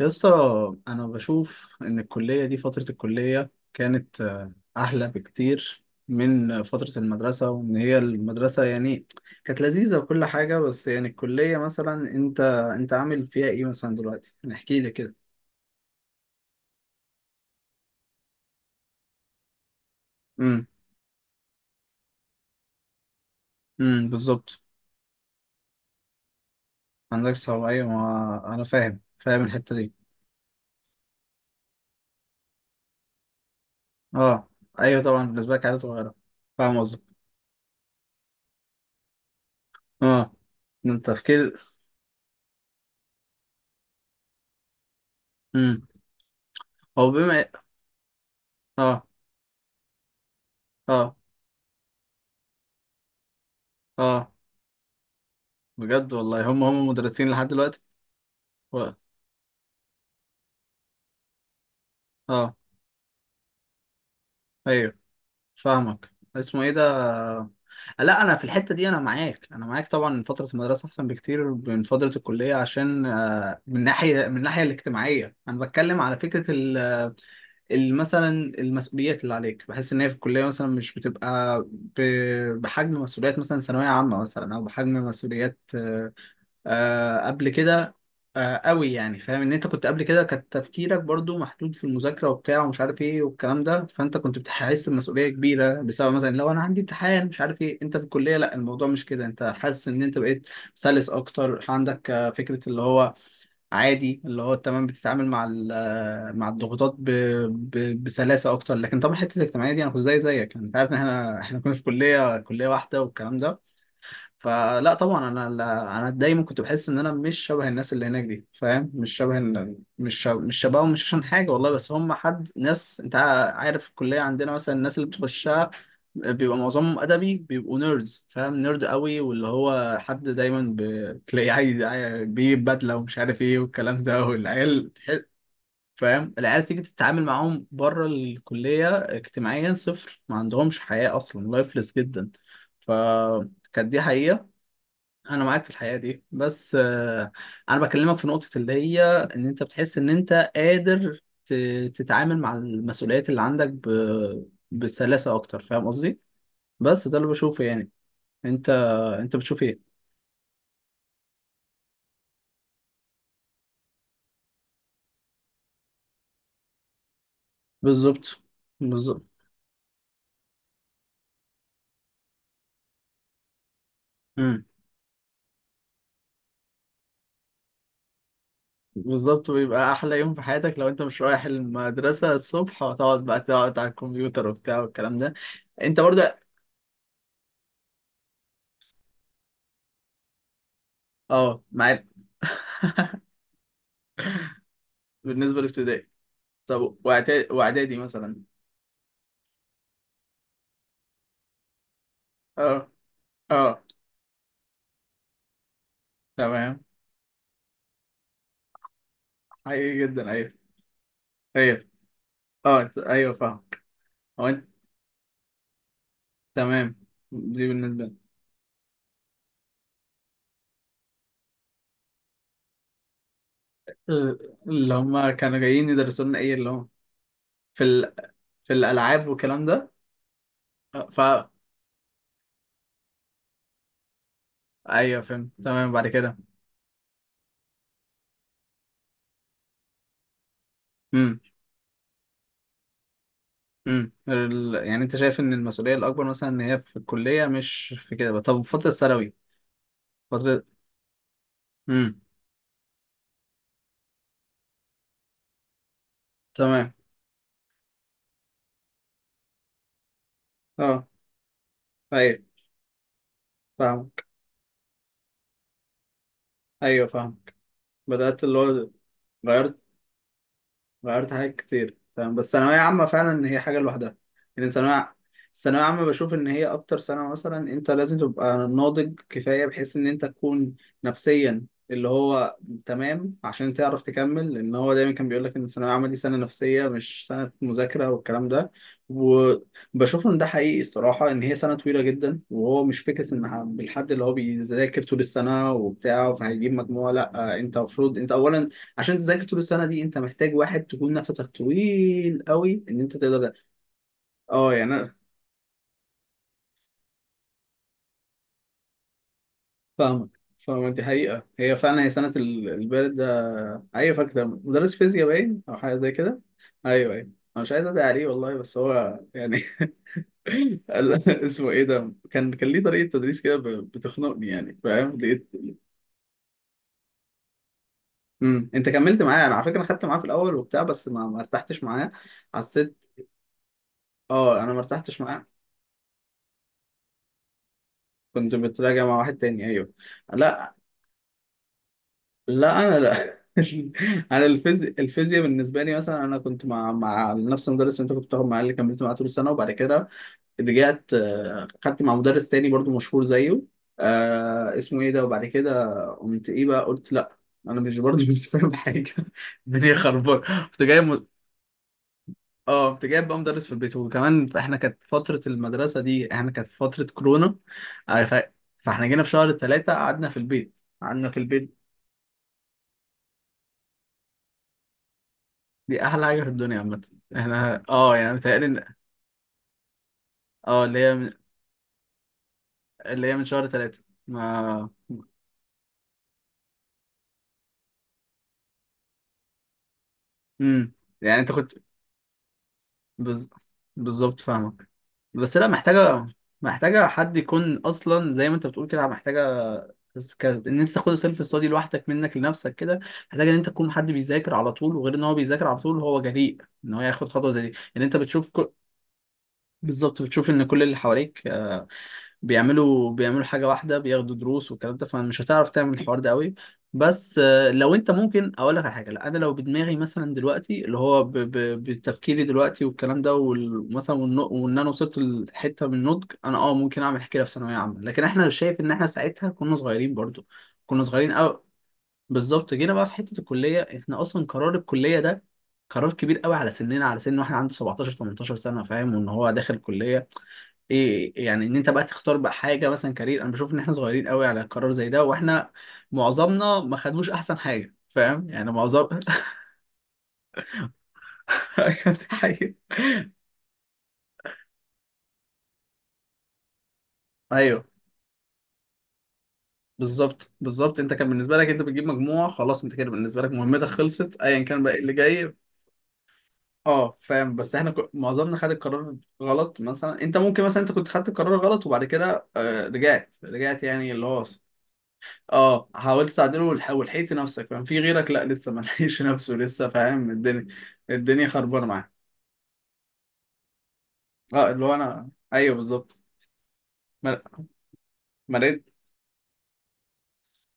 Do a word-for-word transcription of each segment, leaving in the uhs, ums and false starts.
يا اسطى، انا بشوف ان الكليه دي فتره الكليه كانت آه، احلى بكتير من آه، فتره المدرسه. وان هي المدرسه يعني كانت لذيذه وكل حاجه. بس يعني الكليه مثلا انت انت عامل فيها ايه مثلا دلوقتي؟ نحكي لي كده. امم امم بالظبط. عندك صعوبه، ايوه، ما انا فاهم فاهم الحته دي. اه، ايوه طبعا، بالنسبه لك عيله صغيره. فاهم قصدك. اه. من تفكير. امم هو بما. اه. اه. اه، بجد والله. هم هم مدرسين لحد دلوقتي. و... اه، ايوه فاهمك. اسمه ايه ده؟ لا، انا في الحته دي انا معاك. انا معاك طبعا فتره المدرسه احسن بكتير من فتره الكليه عشان آه، من ناحيه من الناحيه الاجتماعيه. انا بتكلم على فكره ال ال- مثلا المسؤوليات اللي عليك، بحس ان هي في الكليه مثلا مش بتبقى ب- بحجم مسؤوليات مثلا ثانويه عامه، مثلا، او بحجم مسؤوليات آه، آه قبل كده. آه قوي يعني. فاهم ان انت كنت قبل كده كان تفكيرك برضو محدود في المذاكره وبتاع ومش عارف ايه والكلام ده، فانت كنت بتحس بمسؤوليه كبيره بسبب مثلا لو انا عندي امتحان مش عارف ايه. انت في الكليه لا، الموضوع مش كده. انت حاسس ان انت بقيت سلس اكتر. عندك آه، فكره اللي هو عادي، اللي هو تمام. بتتعامل مع ال- آه، مع الضغوطات ب... ب... بسلاسه اكتر. لكن طبعا حته الاجتماعيه دي انا كنت زي زيك. يعني انت عارف ان احنا احنا كنا في كليه كليه واحده والكلام ده. فلا طبعا انا انا دايما كنت بحس ان انا مش شبه الناس اللي هناك دي. فاهم؟ مش شبه ال- مش شبه مش شبههم. مش عشان حاجه والله، بس هم حد ناس. انت عارف الكليه عندنا مثلا الناس اللي بتخشها بيبقى معظمهم ادبي، بيبقوا نيردز. فاهم؟ نيرد قوي. واللي هو حد دايما ب- تلاقيه عايز عاي- بيجيب بدله ومش عارف ايه والكلام ده. والعيال تح- فاهم؟ العيال تيجي تتعامل معاهم بره الكليه اجتماعيا صفر. ما عندهمش حياه اصلا، لايفلس جدا. ف... كانت دي حقيقة. انا معاك في الحقيقه دي. بس آه، انا بكلمك في نقطه اللي هي ان انت بتحس ان انت قادر ت- تتعامل مع المسؤوليات اللي عندك ب- بسلاسه اكتر. فاهم قصدي؟ بس ده اللي بشوفه يعني. انت انت بتشوف ايه؟ بالظبط. بالظبط. امم بالظبط. بيبقى احلى يوم في حياتك لو انت مش رايح المدرسه الصبح، وتقعد بقى تقعد على الكمبيوتر وبتاع والكلام ده. انت برضه. اه، معاك. بالنسبه لابتدائي. طب واعدادي، وإعدادي مثلا. اه. اه. تمام. حقيقي جدا، ايوه. ايوه. اه، أنت- ايوه، فاهمك. هو انت. تمام. دي بالنسبه لي. ال- اللي هم كانوا جايين يدرسوا لنا ايه اللي هم في ال... في الالعاب والكلام ده. آه، ف... ايوه، فهمت. تمام. بعد كده. امم امم ال... يعني انت شايف ان المسؤوليه الاكبر مثلا ان هي في الكليه، مش في كده بقى. طب فتره الثانوي. فتره. امم تمام. اه، ايوه فاهمك. ايوه فاهمك. بدات اللي هو غيرت. غيرت حاجات كتير. تمام. بس ثانوية عامة فعلا هي حاجة لوحدها. يعني ثانوية، الثانوية عامة، بشوف إن هي أكتر سنة مثلا أنت لازم تبقى ناضج كفاية بحيث إن أنت تكون نفسيا، اللي هو تمام، عشان تعرف تكمل. لأن هو دايما كان بيقول لك إن الثانوية العامة دي سنة نفسية مش سنة مذاكرة والكلام ده. وبشوف إن ده حقيقي الصراحة. إن هي سنة طويلة جدا. وهو مش فكرة إن ح- بالحد اللي هو بيذاكر طول السنة وبتاع فهيجيب مجموعة. لأ، أنت المفروض أنت أولا عشان تذاكر طول السنه دي انت محتاج واحد تكون نفسك طويل قوي ان انت تقدر ده. اه يعني انا. فاهمك. فاهمك. دي حقيقه. هي فعلا هي سنه ال- البارد ده. ايوه. فاكر مدرس فيزياء باين او حاجه زي كده. ايوه، ايوه. انا مش عايز ادعي عليه والله، بس هو يعني. قال- اسمه ايه ده؟ كان كان ليه طريقه تدريس كده ب- بتخنقني. يعني فاهم. لقيت. امم انت كملت معايا. انا على فكره خدت معاه في الاول وبتاع بس ما ما ارتحتش معاه. حسيت. اه، انا ما ارتحتش معاه. كنت بتراجع مع واحد تاني، ايوه. لا لا، انا لا. انا الفيزياء الفيزياء بالنسبه لي مثلا، انا كنت مع مع نفس المدرس اللي انت كنت بتاخد معاه، اللي كملت معاه طول السنه. وبعد كده رجعت، آه، خدت مع مدرس تاني برضو مشهور زيه. آه اسمه ايه ده. وبعد كده قمت ايه بقى، قلت لا، انا مش برضو. مش فاهم حاجه. الدنيا خربانه. كنت جاي م... اه، كنت جايب بقى مدرس في البيت. وكمان احنا كانت فتره المدرسه دي، احنا كانت فتره كورونا. آه، ف... فاحنا جينا في شهر ثلاثة قعدنا في البيت. قعدنا في البيت. دي احلى حاجه في الدنيا عامه. احنا اه يعني متهيألي ان. اه اللي هي من... اللي هي من شهر ثلاثة ما. امم يعني انت كنت بز... بالظبط فاهمك. بس لا، محتاجه. محتاجه حد يكون اصلا زي ما انت بتقول كده. محتاجه، بس ك... ان انت تاخد السيلف ستادي لوحدك منك لنفسك كده. محتاج ان انت تكون حد بيذاكر على طول. وغير ان هو بيذاكر على طول هو جريء ان هو ياخد خطوه زي دي، ان انت بتشوف كل... بالظبط. بتشوف ان كل اللي حواليك آه، بيعملوا بيعملوا حاجة واحدة، بياخدوا دروس والكلام ده. فمش هتعرف تعمل الحوار ده قوي. بس آه، لو انت ممكن اقول لك على حاجة، لا انا لو بدماغي مثلا دلوقتي، اللي هو ب- ب- بتفكيري دلوقتي والكلام ده وال- مثلا والن- وان انا وصلت لحتة من النضج، انا اه ممكن اعمل كده في ثانوية عامة. لكن احنا شايف ان احنا ساعتها كنا صغيرين برضو. كنا صغيرين قوي. بالظبط. جينا بقى في حتة الكلية، احنا اصلا قرار الكلية ده قرار كبير قوي على سننا، على سن واحد عنده سبعتاشر 18 سنة. فاهم؟ وان هو داخل كلية. ايه يعني ان انت بقى تختار بقى حاجه مثلا كارير. انا بشوف ان احنا صغيرين قوي على قرار زي ده. واحنا معظمنا ما خدوش احسن حاجه. فاهم يعني. معظم... كانت حاجه. ايوه. بالظبط. بالظبط. انت كان بالنسبه لك انت بتجيب مجموع خلاص. انت كده بالنسبه لك مهمتك خلصت، ايا كان بقى إيه اللي جاي. اه فاهم. بس احنا ك- معظمنا خد القرار غلط. مثلا انت ممكن، مثلا انت كنت خدت القرار غلط وبعد كده آه، رجعت رجعت يعني، اللي هو. اه، حاولت تعدله والح- ولحقت نفسك. فاهم؟ في غيرك لا، لسه ما لحقش نفسه لسه. فاهم؟ الدنيا. الدنيا خربانه معاه. اه اللي هو انا ايوه بالظبط. ما ما لقيت.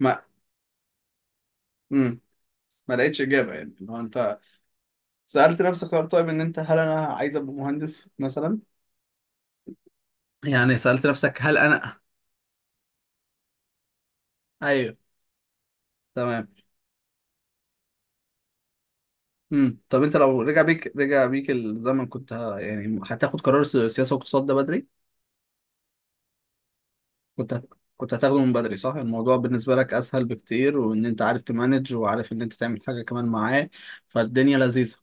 ما مم. ما لقيتش اجابه يعني. اللي هو انت سالت نفسك هل طيب ان انت هل انا عايز ابقى مهندس مثلا، يعني سالت نفسك هل انا. ايوه تمام. مم. طب انت لو رجع بيك رجع بيك الزمن، كنت ه... يعني هتاخد قرار السياسه والاقتصاد ده بدري؟ كنت هت- كنت هتاخده من بدري، صح؟ الموضوع بالنسبة لك أسهل بكتير، وإن أنت عارف تمانج، وعارف إن أنت تعمل حاجة كمان معاه. فالدنيا لذيذة.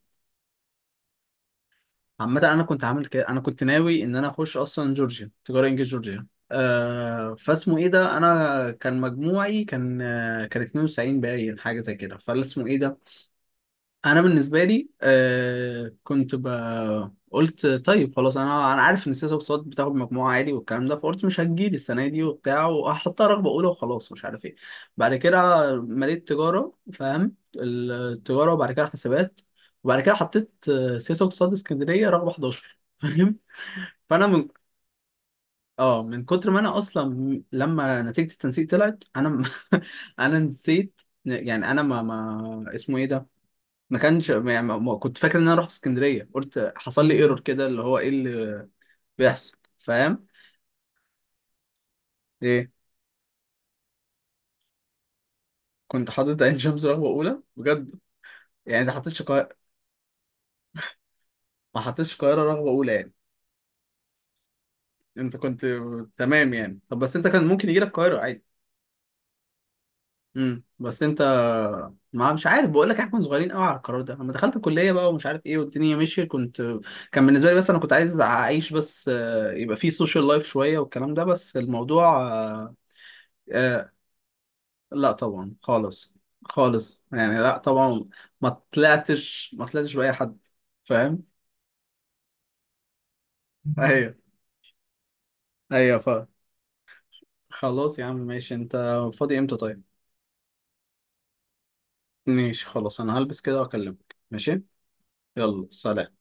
عامة أنا كنت عامل كده. أنا كنت ناوي إن أنا أخش أصلا جورجيا تجارة إنجليزي، جورجيا. آه فاسمه إيه ده. أنا كان مجموعي كان آه كان اتنين وتسعين باين، حاجة زي كده. فالاسمه إيه ده. انا بالنسبه لي آه كنت ب... قلت طيب خلاص انا، انا عارف ان سياسه واقتصاد بتاخد مجموعه عالي والكلام ده. فقلت مش هتجيلي السنه دي وبتاع. وهحطها رغبه اولى وخلاص مش عارف ايه. بعد كده مليت تجاره. فاهم التجاره. وبعد كده حسابات. وبعد كده حطيت آه، سياسه واقتصاد اسكندريه رغبه حداشر. فاهم. فانا من اه من كتر ما انا اصلا لما نتيجه التنسيق طلعت انا. انا نسيت، يعني انا ما ما اسمه ايه ده. ما كانش يعني ما ما- كنت فاكر ان انا رحت اسكندريه. قلت حصل لي ايرور كده، اللي هو ايه اللي بيحصل. فاهم؟ ايه؟ كنت حاطط عين شمس رغبه اولى؟ بجد؟ يعني انت حطيتش قاهره؟ ما حطيتش القاهره رغبه اولى يعني؟ انت كنت. تمام يعني. طب بس انت كان ممكن يجي لك القاهره عادي. امم بس انت ما مش عارف، بقول لك احنا كنا صغيرين قوي على القرار ده. لما دخلت الكليه بقى ومش عارف ايه والدنيا مشيت. كنت. كان بالنسبه لي بس انا كنت عايز اعيش. بس آه، يبقى في سوشيال لايف شويه والكلام ده. بس الموضوع آه، لا، طبعا خالص. خالص يعني. لا طبعا. ما طلعتش ما طلعتش بأي حد. فاهم. ايوه ايوه. ف. خلاص يا عم ماشي. انت فاضي امتى طيب؟ ماشي خلاص، انا هلبس كده واكلمك. ماشي. يلا سلام.